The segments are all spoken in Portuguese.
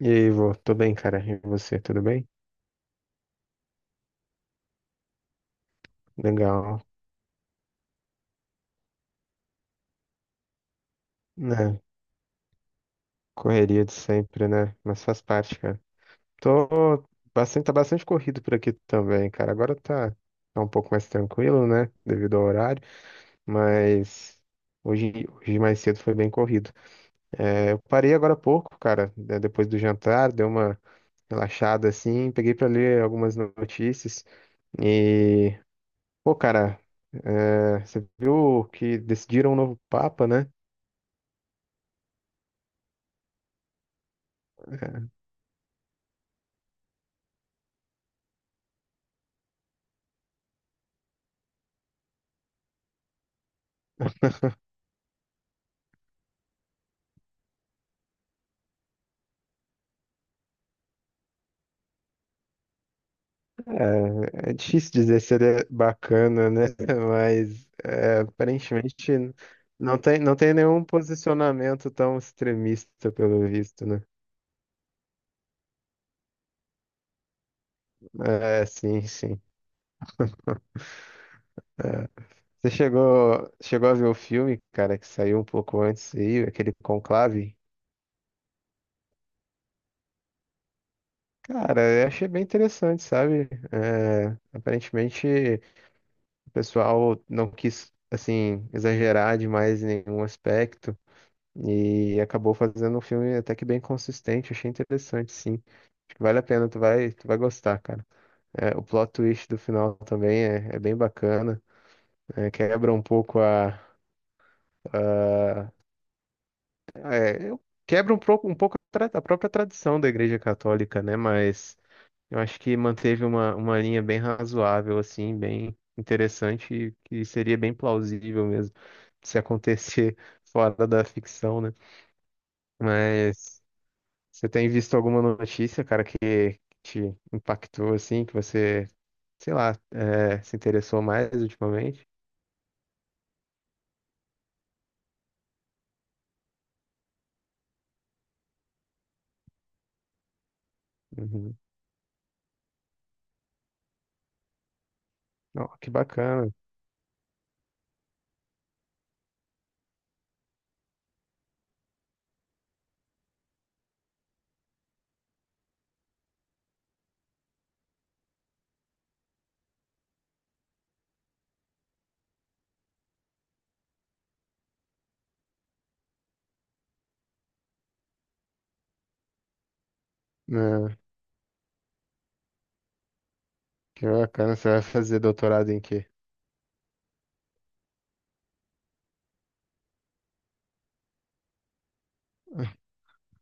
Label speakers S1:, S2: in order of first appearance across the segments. S1: E aí, Ivo, tô bem, cara. E você, tudo bem? Legal. Né? Correria de sempre, né? Mas faz parte, cara. Tô tá bastante corrido por aqui também, cara. Tá um pouco mais tranquilo, né? Devido ao horário, mas hoje mais cedo foi bem corrido. Eu parei agora há pouco, cara, né, depois do jantar, dei uma relaxada assim, peguei pra ler algumas notícias e, pô, cara, você viu que decidiram um novo papa, né? É, é difícil dizer se ele é bacana, né? Mas é, aparentemente não tem nenhum posicionamento tão extremista, pelo visto, né? É, sim, sim. Chegou a ver o filme, cara, que saiu um pouco antes aí, aquele Conclave? Cara, eu achei bem interessante, sabe? É, aparentemente o pessoal não quis, assim, exagerar demais em nenhum aspecto. E acabou fazendo um filme até que bem consistente, achei interessante, sim. Acho que vale a pena, tu vai gostar, cara. É, o plot twist do final também é bem bacana, é, quebra um pouco a- quebra um pouco, a, a própria tradição da Igreja Católica, né? Mas eu acho que manteve uma linha bem razoável, assim, bem interessante, e que seria bem plausível mesmo se acontecer fora da ficção, né? Mas. Você tem visto alguma notícia, cara, que te impactou assim, que você, sei lá, se interessou mais ultimamente? Uhum. Ó, que bacana. Né? Que bacana. Você vai fazer doutorado em quê?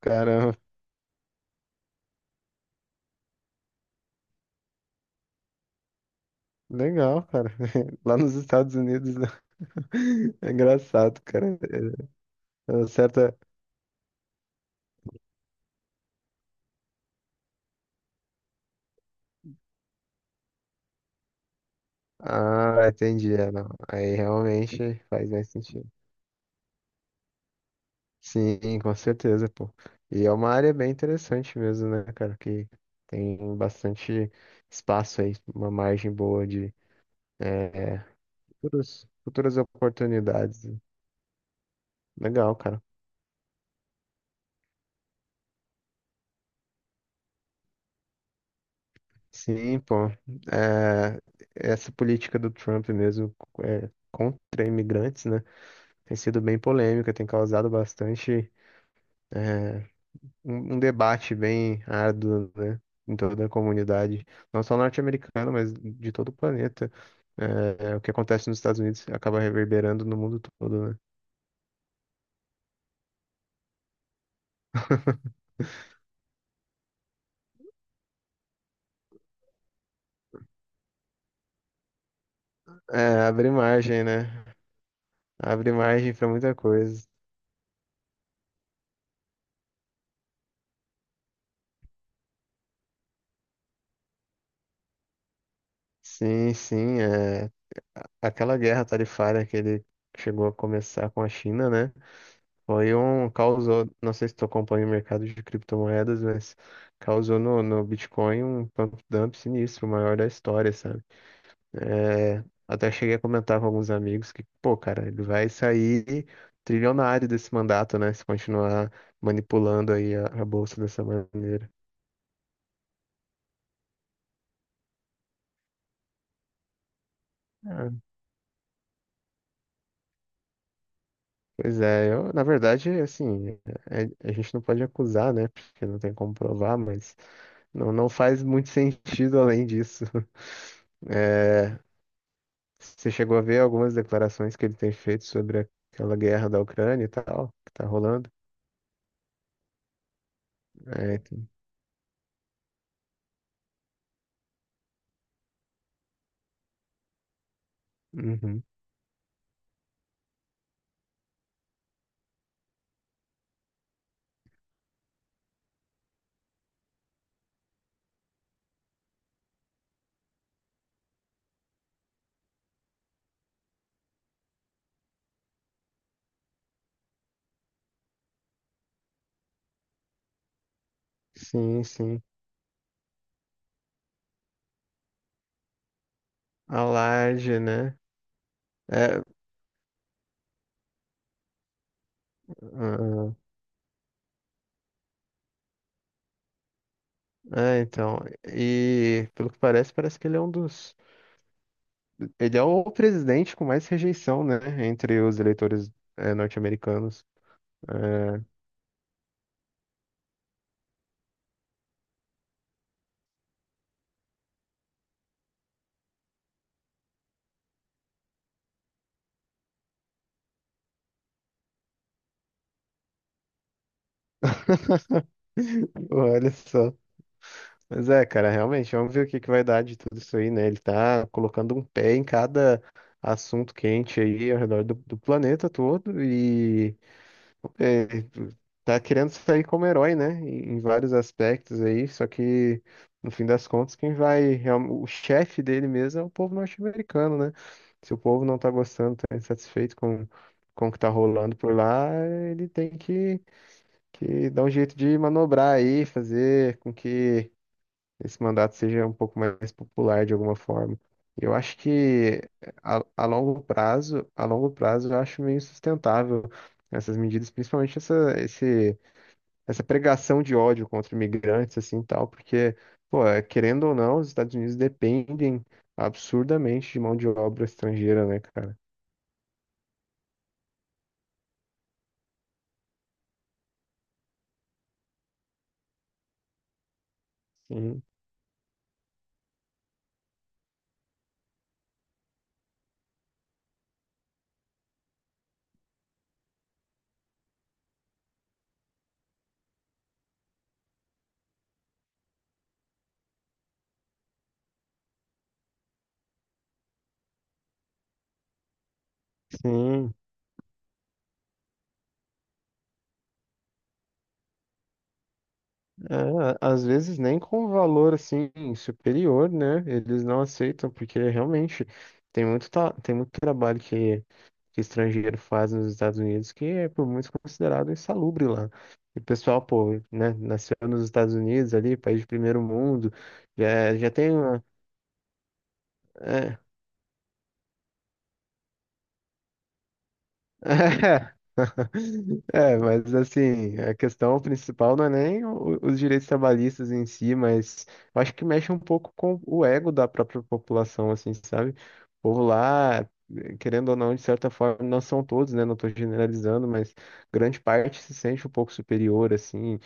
S1: Caramba, legal, cara. Lá nos Estados Unidos, né? É engraçado, cara. É é uma certa. Ah, entendi. É, não. Aí realmente faz mais sentido. Sim, com certeza, pô. E é uma área bem interessante mesmo, né, cara? Que tem bastante espaço aí, uma margem boa de eh, futuras oportunidades. Legal, cara. Sim, pô. Eh, essa política do Trump mesmo, contra imigrantes, né, tem sido bem polêmica, tem causado bastante. eh, um debate bem árduo, né, em toda a comunidade, não só norte-americana, mas de todo o planeta. O que acontece nos Estados Unidos acaba reverberando no mundo todo, né? É, abre margem, né? Abre margem para muita coisa. Sim, sim, é... aquela guerra tarifária que ele chegou a começar com a China, né? Foi um causou, não sei se tu acompanha o mercado de criptomoedas, mas causou no Bitcoin um pump dump sinistro, o maior da história, sabe? É, até cheguei a comentar com alguns amigos que, pô, cara, ele vai sair trilionário desse mandato, né? Se continuar manipulando aí a bolsa dessa maneira. Ah, pois é, eu, na verdade, assim, a gente não pode acusar, né? Porque não tem como provar, mas não faz muito sentido além disso. É, você chegou a ver algumas declarações que ele tem feito sobre aquela guerra da Ucrânia e tal, que tá rolando? É, então, uhum. Sim, sim. A laje, né? É, ah, é, então. E pelo que parece, parece que ele é um dos. Ele é o presidente com mais rejeição, né? Entre os eleitores norte-americanos. É. Olha só. Mas é, cara, realmente, vamos ver o que que vai dar de tudo isso aí, né? Ele tá colocando um pé em cada assunto quente aí ao redor do planeta todo, é, tá querendo sair como herói, né? Em, em vários aspectos aí, só que no fim das contas, quem vai, real- o chefe dele mesmo é o povo norte-americano, né? Se o povo não tá gostando, tá insatisfeito com o que tá rolando por lá, ele tem que dar um jeito de manobrar aí, fazer com que esse mandato seja um pouco mais popular de alguma forma. Eu acho que a longo prazo, eu acho meio sustentável essas medidas, principalmente essa pregação de ódio contra imigrantes, assim, e tal, porque, pô, é, querendo ou não, os Estados Unidos dependem absurdamente de mão de obra estrangeira, né, cara? Sim, sim. É, às vezes nem com um valor, assim, superior, né? Eles não aceitam, porque realmente tem muito trabalho que estrangeiro faz nos Estados Unidos, que é por muitos considerado insalubre lá. E o pessoal, pô, né, nasceu nos Estados Unidos ali, país de primeiro mundo, já tem uma. É, é, mas assim, a questão principal não é nem os direitos trabalhistas em si, mas eu acho que mexe um pouco com o ego da própria população, assim, sabe? O povo lá, querendo ou não, de certa forma, não são todos, né? Não estou generalizando, mas grande parte se sente um pouco superior, assim,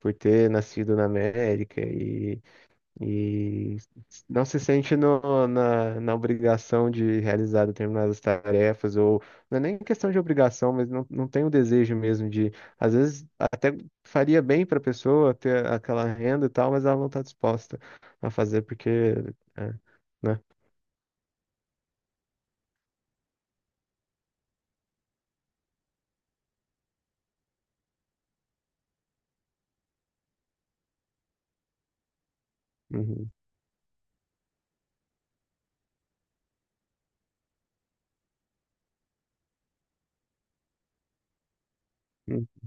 S1: por ter nascido na América e não se sente na obrigação de realizar determinadas tarefas, ou não é nem questão de obrigação, mas não tem o desejo mesmo de, às vezes até faria bem para a pessoa ter aquela renda e tal, mas ela não está disposta a fazer porque, é, né? Uhum. Uhum.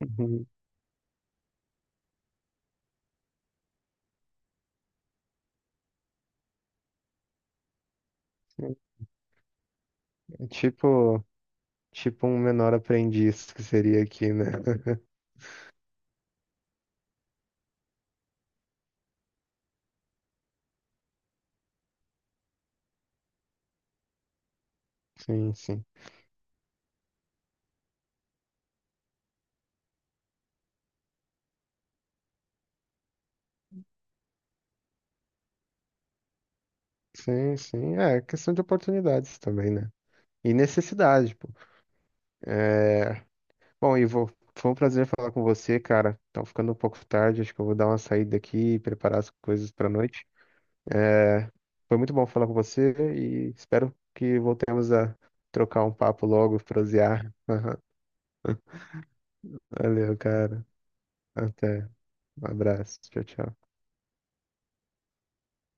S1: Uhum. É, tipo, tipo um menor aprendiz que seria aqui, né? Sim, sim. Sim, sim. É questão de oportunidades também, né? E necessidade, pô. É... Bom, Ivo, foi um prazer falar com você, cara. Tá ficando um pouco tarde, acho que eu vou dar uma saída aqui e preparar as coisas pra noite. É... Foi muito bom falar com você e espero que voltemos a trocar um papo logo, prosear. Valeu, cara. Até. Um abraço. Tchau, tchau.